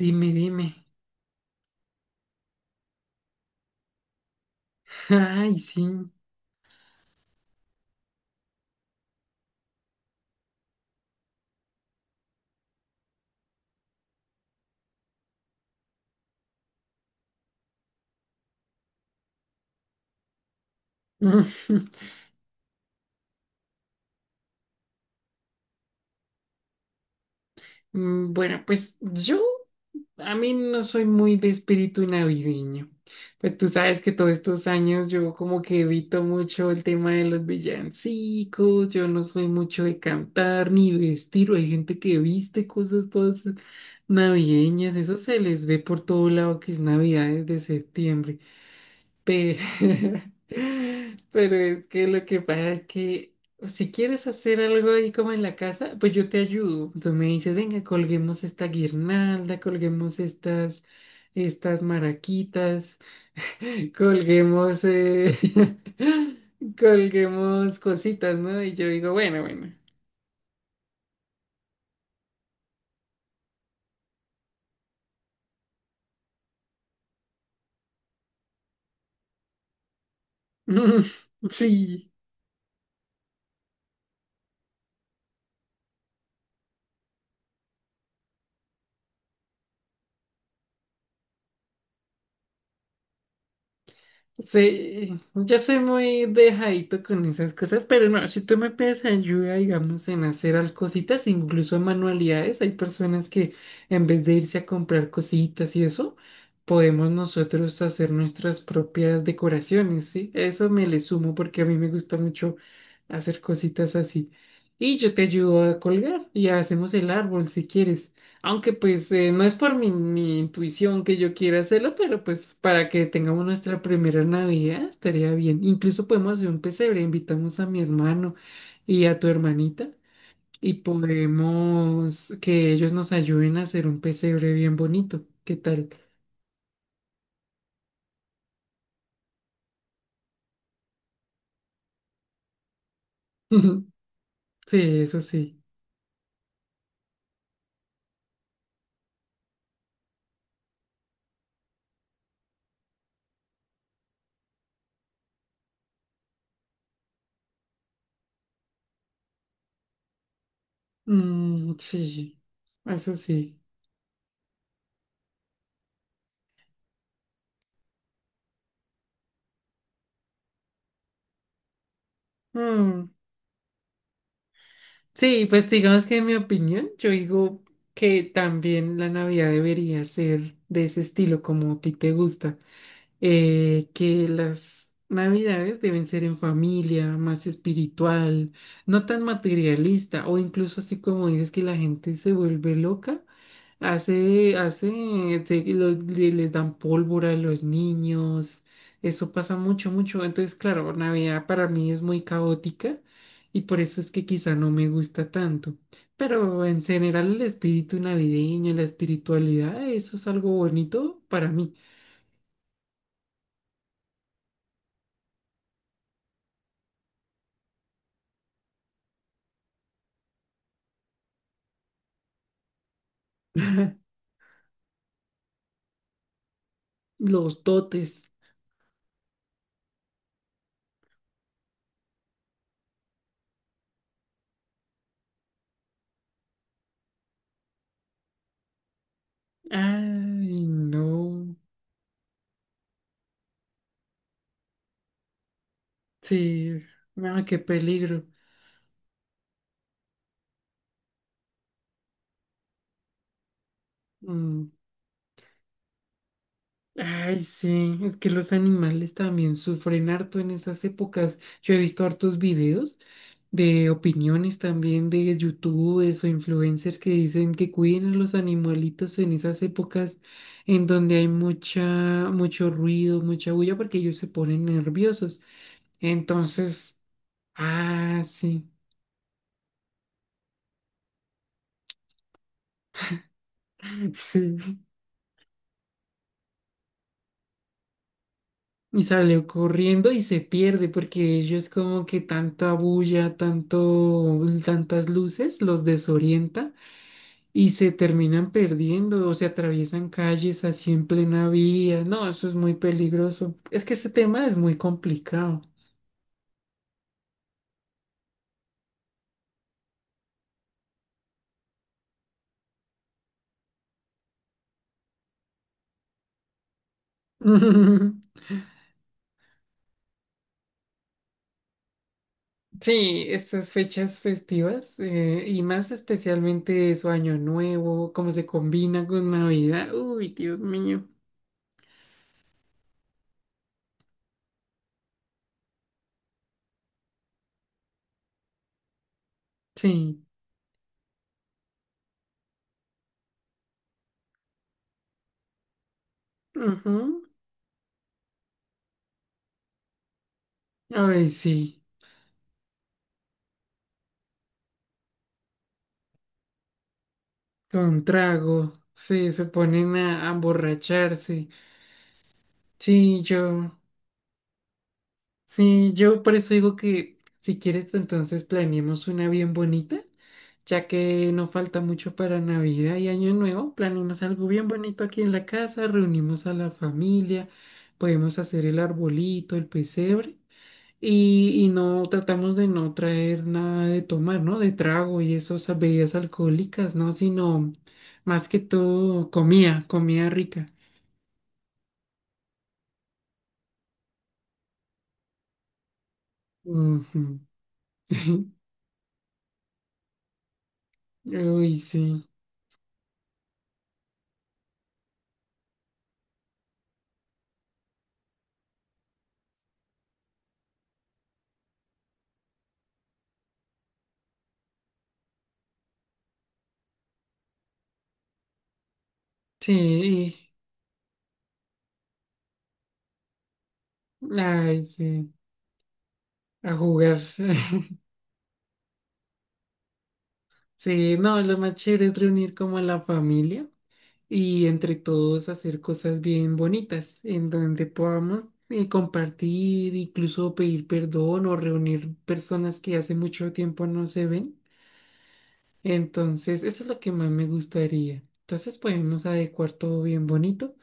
Dime, dime. Ay, sí. Bueno, pues yo, a mí no soy muy de espíritu navideño. Pues tú sabes que todos estos años yo como que evito mucho el tema de los villancicos, yo no soy mucho de cantar ni vestir, hay gente que viste cosas todas navideñas, eso se les ve por todo lado que es Navidad desde septiembre. Pe- Pero es que lo que pasa es que si quieres hacer algo ahí como en la casa, pues yo te ayudo. Tú me dices, venga, colguemos esta guirnalda, estas maraquitas, colguemos, colguemos cositas, ¿no? Y yo digo, bueno, bueno. Sí. Sí, yo soy muy dejadito con esas cosas, pero no, si tú me pides ayuda, digamos, en hacer al cositas, incluso manualidades, hay personas que en vez de irse a comprar cositas y eso, podemos nosotros hacer nuestras propias decoraciones, ¿sí? Eso me le sumo porque a mí me gusta mucho hacer cositas así. Y yo te ayudo a colgar y hacemos el árbol si quieres. Aunque pues no es por mi intuición que yo quiera hacerlo, pero pues para que tengamos nuestra primera Navidad estaría bien. Incluso podemos hacer un pesebre, invitamos a mi hermano y a tu hermanita y podemos que ellos nos ayuden a hacer un pesebre bien bonito. ¿Qué tal? Sí, eso sí. Mm, sí, eso sí. Mm. Sí, pues digamos que en mi opinión, yo digo que también la Navidad debería ser de ese estilo como a ti te gusta que las navidades deben ser en familia, más espiritual, no tan materialista, o incluso así como dices que la gente se vuelve loca, hace, hace, se- lo- le- les dan pólvora a los niños, eso pasa mucho, mucho, entonces claro, Navidad para mí es muy caótica y por eso es que quizá no me gusta tanto. Pero en general el espíritu navideño, la espiritualidad, eso es algo bonito para mí. Los dotes. Ay, no. Sí. Ah, qué peligro. Mm. Ay, sí. Es que los animales también sufren harto en esas épocas. Yo he visto hartos videos de opiniones también de youtubers o influencers que dicen que cuiden a los animalitos en esas épocas en donde hay mucho ruido, mucha bulla, porque ellos se ponen nerviosos. Entonces, ah, sí. Sí. Y salió corriendo y se pierde porque ellos como que tanta bulla, tantas luces los desorienta y se terminan perdiendo o se atraviesan calles así en plena vía. No, eso es muy peligroso. Es que ese tema es muy complicado. Sí, estas fechas festivas y más especialmente su Año Nuevo, cómo se combina con Navidad. Uy, Dios mío. Sí. Ujú. Ay, sí. Con trago, sí, se ponen a emborracharse. Sí, yo, sí, yo por eso digo que si quieres, pues, entonces planeemos una bien bonita, ya que no falta mucho para Navidad y Año Nuevo, planeemos algo bien bonito aquí en la casa, reunimos a la familia, podemos hacer el arbolito, el pesebre. Y no tratamos de no traer nada de tomar, ¿no? De trago y esas bebidas alcohólicas, ¿no? Sino más que todo comida, comida rica. Ujú. Uy, sí. Sí. Ay, sí. A jugar. Sí, no, lo más chévere es reunir como a la familia. Y entre todos hacer cosas bien bonitas en donde podamos compartir, incluso pedir perdón o reunir personas que hace mucho tiempo no se ven. Entonces, eso es lo que más me gustaría. Entonces, podemos adecuar todo bien bonito.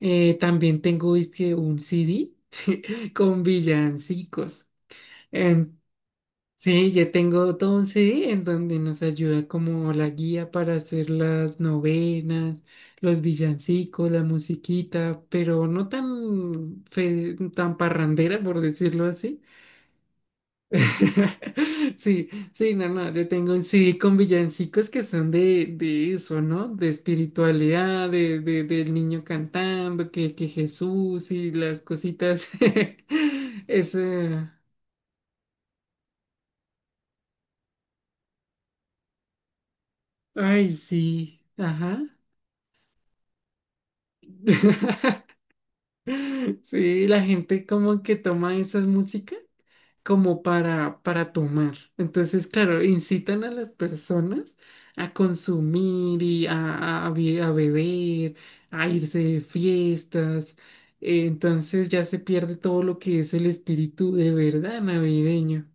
También tengo, es que un CD con villancicos. Sí, yo tengo 12 en donde nos ayuda como la guía para hacer las novenas, los villancicos, la musiquita, pero no tan, tan parrandera, por decirlo así. Sí, no, yo tengo un CD con villancicos que son de eso, ¿no? De espiritualidad, del niño cantando, que Jesús y las cositas. Es, ay, sí, ajá. Sí, la gente como que toma esa música como para tomar. Entonces, claro, incitan a las personas a consumir y a beber, a irse de fiestas. Entonces ya se pierde todo lo que es el espíritu de verdad navideño.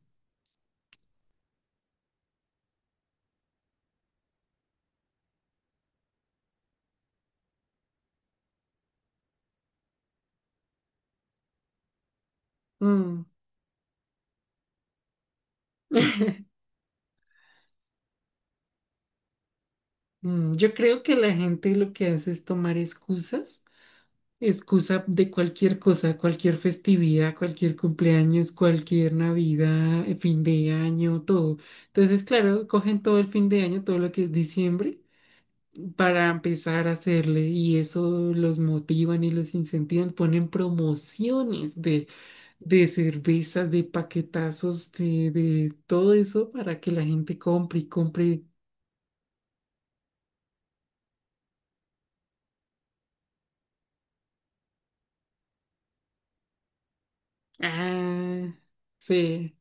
Mm, mm. Yo creo que la gente lo que hace es tomar excusa de cualquier cosa, cualquier festividad, cualquier cumpleaños, cualquier Navidad, fin de año, todo. Entonces, claro, cogen todo el fin de año, todo lo que es diciembre, para empezar a hacerle y eso los motivan y los incentivan, ponen promociones de cervezas, de paquetazos, de todo eso para que la gente compre y compre. Ah, sí.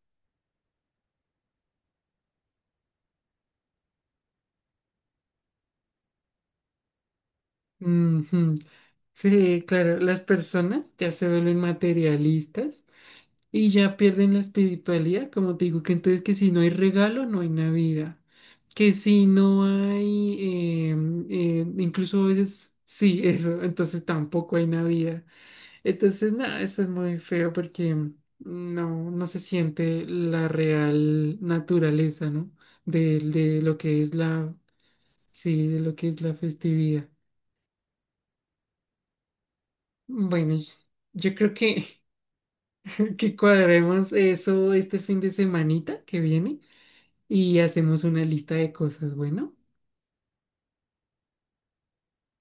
Ujú. Sí, claro, las personas ya se vuelven materialistas y ya pierden la espiritualidad, como te digo, que entonces que si no hay regalo, no hay Navidad, que si no hay, incluso a veces, sí, eso, entonces tampoco hay Navidad. Entonces, nada, eso es muy feo porque no, no se siente la real naturaleza, ¿no? De lo que es sí, de lo que es la festividad. Bueno, yo creo que, que cuadremos eso este fin de semanita que viene y hacemos una lista de cosas, bueno.